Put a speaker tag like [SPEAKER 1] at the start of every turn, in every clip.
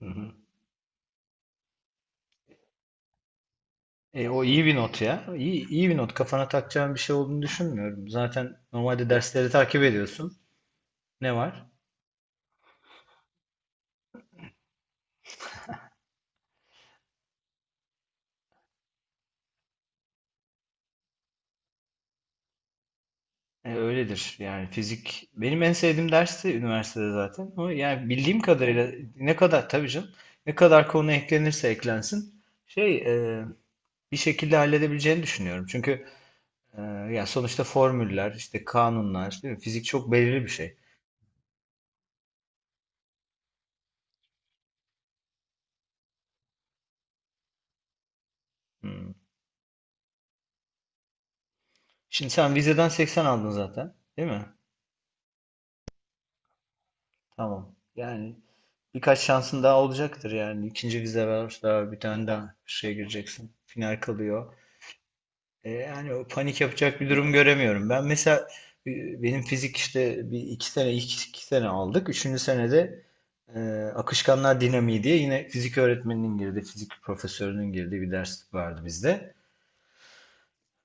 [SPEAKER 1] Hı hı. E, o iyi bir not ya. İyi bir not. Kafana takacağın bir şey olduğunu düşünmüyorum. Zaten normalde dersleri takip ediyorsun. Ne var? E, öyledir. Yani fizik benim en sevdiğim dersi üniversitede zaten. Ama yani bildiğim kadarıyla ne kadar tabii canım ne kadar konu eklenirse eklensin e, bir şekilde halledebileceğini düşünüyorum. Çünkü e, ya sonuçta formüller, işte kanunlar, değil mi? Fizik çok belirli bir şey. Hmm. Şimdi sen vizeden 80 aldın zaten, değil mi? Tamam. Yani birkaç şansın daha olacaktır yani. İkinci vize var. Daha bir tane daha şeye gireceksin. Final kalıyor. E, yani o panik yapacak bir durum göremiyorum. Ben mesela benim fizik işte bir iki sene ilk iki sene aldık. Üçüncü senede e, akışkanlar dinamiği diye yine fizik öğretmeninin girdiği, fizik profesörünün girdiği bir ders vardı bizde.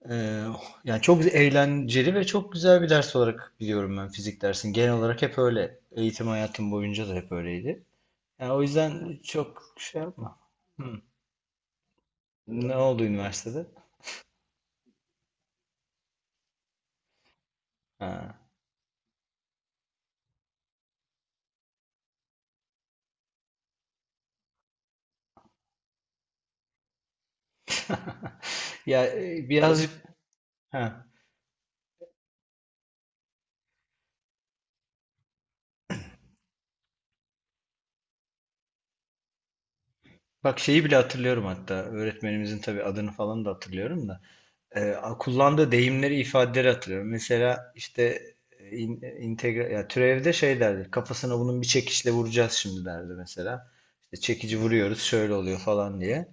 [SPEAKER 1] E, yani çok eğlenceli ve çok güzel bir ders olarak biliyorum ben fizik dersini. Genel olarak hep öyle. Eğitim hayatım boyunca da hep öyleydi. Ya o yüzden çok şey yapma. Hı. Ne oldu üniversitede? Ha. Ya birazcık ha. Bak şeyi bile hatırlıyorum hatta. Öğretmenimizin tabii adını falan da hatırlıyorum da. Kullandığı deyimleri, ifadeleri hatırlıyorum. Mesela işte ya türevde şey derdi. Kafasına bunun bir çekişle vuracağız şimdi derdi mesela. İşte çekici vuruyoruz şöyle oluyor falan diye.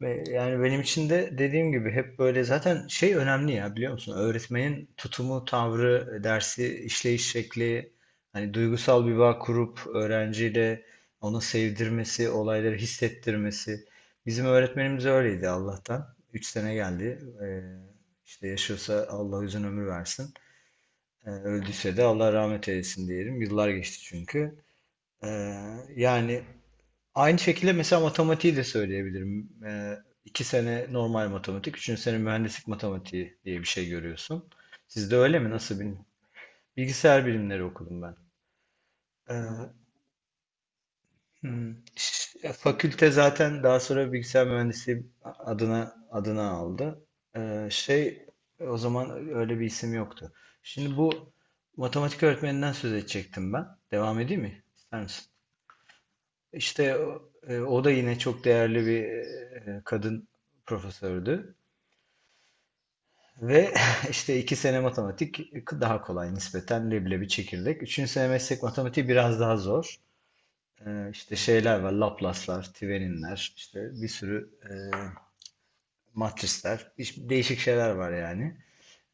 [SPEAKER 1] Ve yani benim için de dediğim gibi hep böyle zaten şey önemli ya biliyor musun? Öğretmenin tutumu, tavrı, dersi işleyiş şekli, hani duygusal bir bağ kurup öğrenciyle onu sevdirmesi, olayları hissettirmesi. Bizim öğretmenimiz öyleydi Allah'tan. Üç sene geldi. İşte yaşıyorsa Allah uzun ömür versin. Öldüyse de Allah rahmet eylesin diyelim. Yıllar geçti çünkü. Ee, yani aynı şekilde mesela matematiği de söyleyebilirim. İki sene normal matematik, üçüncü sene mühendislik matematiği diye bir şey görüyorsun. Sizde öyle mi? Nasıl bilmiyorum. Bilgisayar bilimleri okudum ben. Ee, fakülte zaten daha sonra bilgisayar mühendisliği adına aldı. Ee, şey o zaman öyle bir isim yoktu. Şimdi bu matematik öğretmeninden söz edecektim ben. Devam edeyim mi? İster misin? İşte o da yine çok değerli bir kadın profesördü. Ve işte iki sene matematik daha kolay nispeten leblebi çekirdek. Üçüncü sene meslek matematiği biraz daha zor. İşte şeyler var, Laplace'lar, Thevenin'ler, işte bir sürü matrisler, değişik şeyler var yani.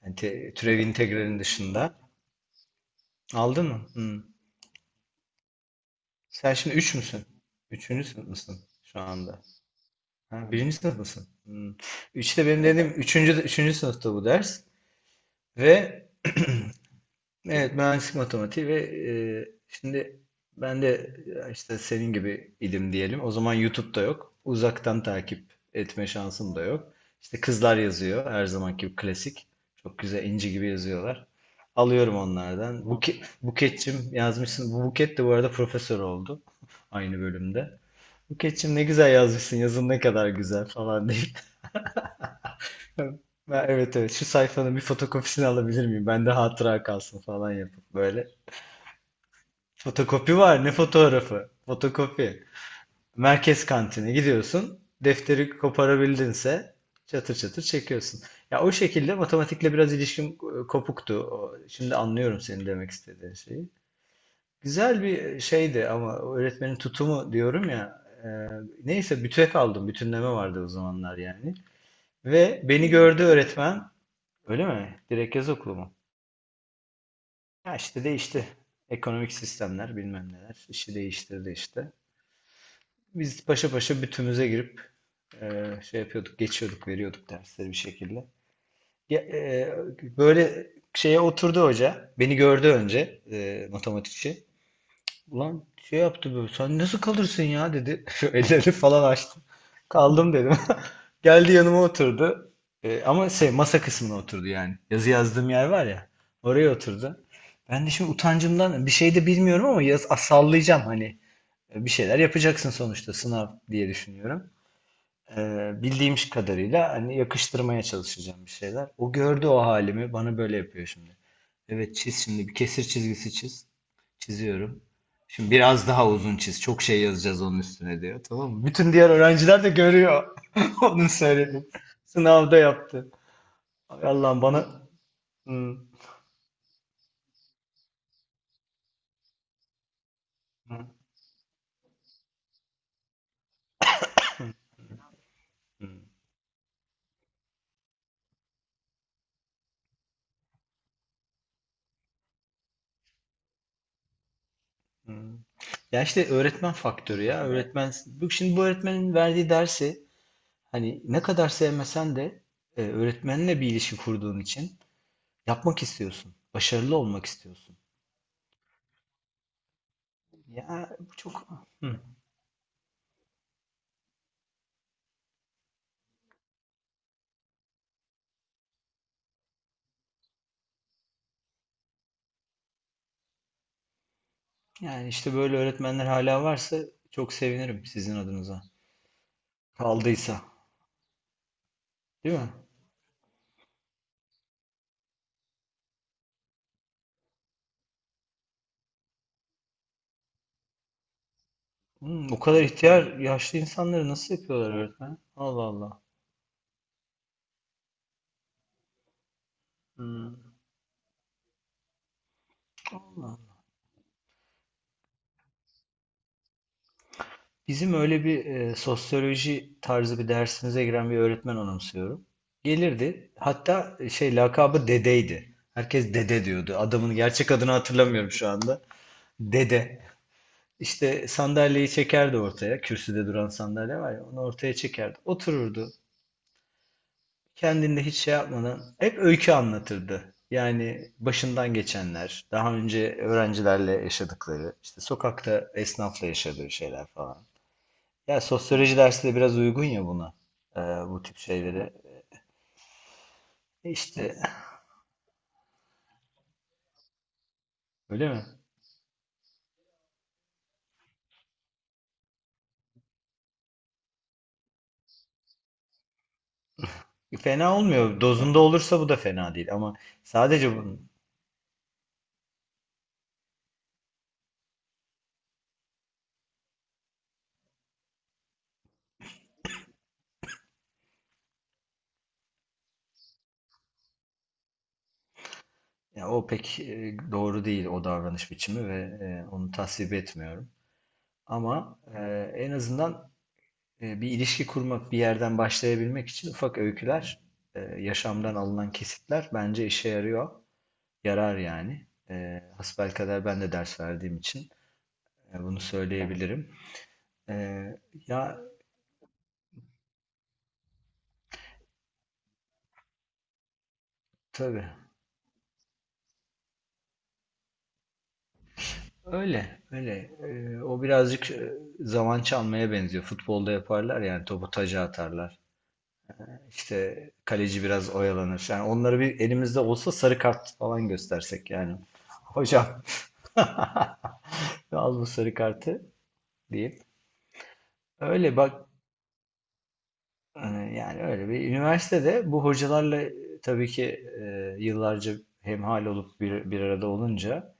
[SPEAKER 1] Yani türev integralin dışında. Aldın mı? Hı. Sen şimdi üç müsün? Üçüncü sınıf mısın şu anda? Ha, birinci sınıftasın. Hmm. Üçte benim, evet, dediğim üçüncü sınıfta bu ders. Ve evet mühendislik matematiği ve şimdi ben de işte senin gibi idim diyelim. O zaman YouTube'da yok. Uzaktan takip etme şansım da yok. İşte kızlar yazıyor her zamanki gibi klasik. Çok güzel inci gibi yazıyorlar. Alıyorum onlardan. Buketçim yazmışsın. Bu Buket de bu arada profesör oldu aynı bölümde. Buketçim ne güzel yazmışsın. Yazın ne kadar güzel falan deyip Ben- Evet evet, şu sayfanın bir fotokopisini alabilir miyim? Bende hatıra kalsın falan yapıp böyle. Fotokopi var ne fotoğrafı? Fotokopi. Merkez kantine gidiyorsun. Defteri koparabildinse çatır çatır çekiyorsun. Ya o şekilde matematikle biraz ilişkim kopuktu. Şimdi anlıyorum senin demek istediğin şeyi. Güzel bir şeydi ama o öğretmenin tutumu diyorum ya. Neyse büte kaldım. Bütünleme vardı o zamanlar yani. Ve beni gördü öğretmen. Öyle mi? Direkt yaz okulu mu? Ya işte değişti. Ekonomik sistemler bilmem neler işi değiştirdi işte. Biz paşa paşa bütümüze girip şey yapıyorduk, geçiyorduk, veriyorduk dersleri bir şekilde. Ya, böyle şeye oturdu hoca. Beni gördü önce matematikçi. Ulan şey yaptı böyle. Sen nasıl kalırsın ya dedi. Şu elleri falan açtı. Kaldım dedim. Geldi yanıma oturdu. Ama şey masa kısmına oturdu yani. Yazı yazdığım yer var ya. Oraya oturdu. Ben de şimdi utancımdan bir şey de bilmiyorum ama yaz, ah, sallayacağım hani. Bir şeyler yapacaksın sonuçta sınav diye düşünüyorum. E, bildiğim kadarıyla hani yakıştırmaya çalışacağım bir şeyler. O gördü o halimi. Bana böyle yapıyor şimdi. Evet çiz şimdi bir kesir çizgisi çiz. Çiziyorum. Şimdi biraz daha uzun çiz. Çok şey yazacağız onun üstüne diyor. Tamam mı? Bütün diğer öğrenciler de görüyor. Onun söylediğini. Sınavda yaptı. Ay Allah'ım bana... Hı, hı, hı, hı. Ya işte öğretmen faktörü ya. Öğretmen... Şimdi bu öğretmenin verdiği dersi hani ne kadar sevmesen de öğretmenle bir ilişki kurduğun için yapmak istiyorsun. Başarılı olmak istiyorsun. Ya bu çok... Hı. Yani işte böyle öğretmenler hala varsa çok sevinirim sizin adınıza. Kaldıysa. Değil mi? O kadar ihtiyar yaşlı insanları nasıl yapıyorlar öğretmen? Allah Allah. Hmm, Allah. Bizim öyle bir sosyoloji tarzı bir dersimize giren bir öğretmen anımsıyorum. Gelirdi. Hatta lakabı dedeydi. Herkes dede diyordu. Adamın gerçek adını hatırlamıyorum şu anda. Dede. İşte sandalyeyi çekerdi ortaya. Kürsüde duran sandalye var ya onu ortaya çekerdi. Otururdu. Kendinde hiç şey yapmadan hep öykü anlatırdı. Yani başından geçenler, daha önce öğrencilerle yaşadıkları, işte sokakta esnafla yaşadığı şeyler falan. Ya sosyoloji dersi de biraz uygun ya buna, e, bu tip şeylere. İşte öyle mi? Fena olmuyor. Dozunda olursa bu da fena değil ama sadece bunun, ya o pek doğru değil o davranış biçimi ve onu tasvip etmiyorum. Ama en azından bir ilişki kurmak, bir yerden başlayabilmek için ufak öyküler, yaşamdan alınan kesitler bence işe yarıyor. Yarar yani. Hasbelkader ben de ders verdiğim için bunu söyleyebilirim. E, ya tabii öyle öyle. O birazcık zaman çalmaya benziyor. Futbolda yaparlar yani topu taca atarlar. İşte kaleci biraz oyalanır. Yani onları bir elimizde olsa sarı kart falan göstersek yani. Hocam al bu sarı kartı, deyip öyle bak e, yani öyle bir üniversitede bu hocalarla tabii ki yıllarca hemhal olup bir arada olunca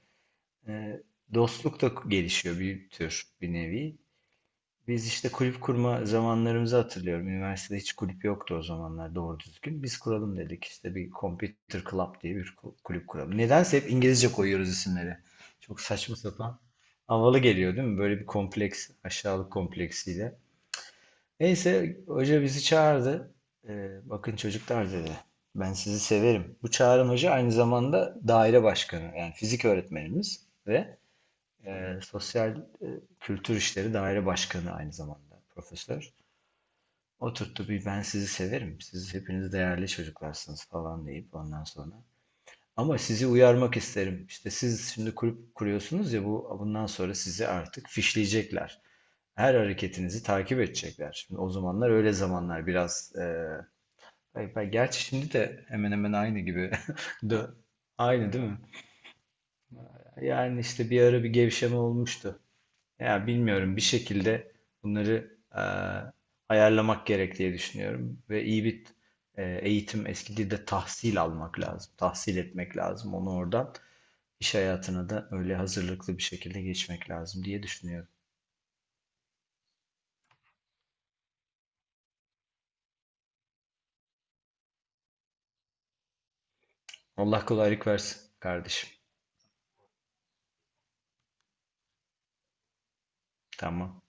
[SPEAKER 1] e, dostluk da gelişiyor bir tür bir nevi. Biz işte kulüp kurma zamanlarımızı hatırlıyorum. Üniversitede hiç kulüp yoktu o zamanlar doğru düzgün. Biz kuralım dedik işte bir Computer Club diye bir kulüp kuralım. Nedense hep İngilizce koyuyoruz isimleri. Çok saçma sapan. Havalı geliyor değil mi? Böyle bir kompleks, aşağılık kompleksiyle. Neyse hoca bizi çağırdı. Bakın çocuklar dedi. Ben sizi severim. Bu Çağrı'nın hoca aynı zamanda daire başkanı. Yani fizik öğretmenimiz ve sosyal kültür işleri daire başkanı aynı zamanda profesör. Oturttu bir ben sizi severim. Siz hepiniz değerli çocuklarsınız falan deyip ondan sonra ama sizi uyarmak isterim. İşte siz şimdi kulüp kuruyorsunuz ya bu bundan sonra sizi artık fişleyecekler. Her hareketinizi takip edecekler. Şimdi o zamanlar öyle zamanlar biraz gerçi şimdi de hemen hemen aynı gibi. Dö- Aynı değil mi? Yani işte bir ara bir gevşeme olmuştu. Ya bilmiyorum bir şekilde bunları ayarlamak gerek diye düşünüyorum ve iyi bir eğitim eski dilde tahsil almak lazım. Tahsil etmek lazım onu oradan. İş hayatına da öyle hazırlıklı bir şekilde geçmek lazım diye düşünüyorum. Allah kolaylık versin kardeşim. Tamam.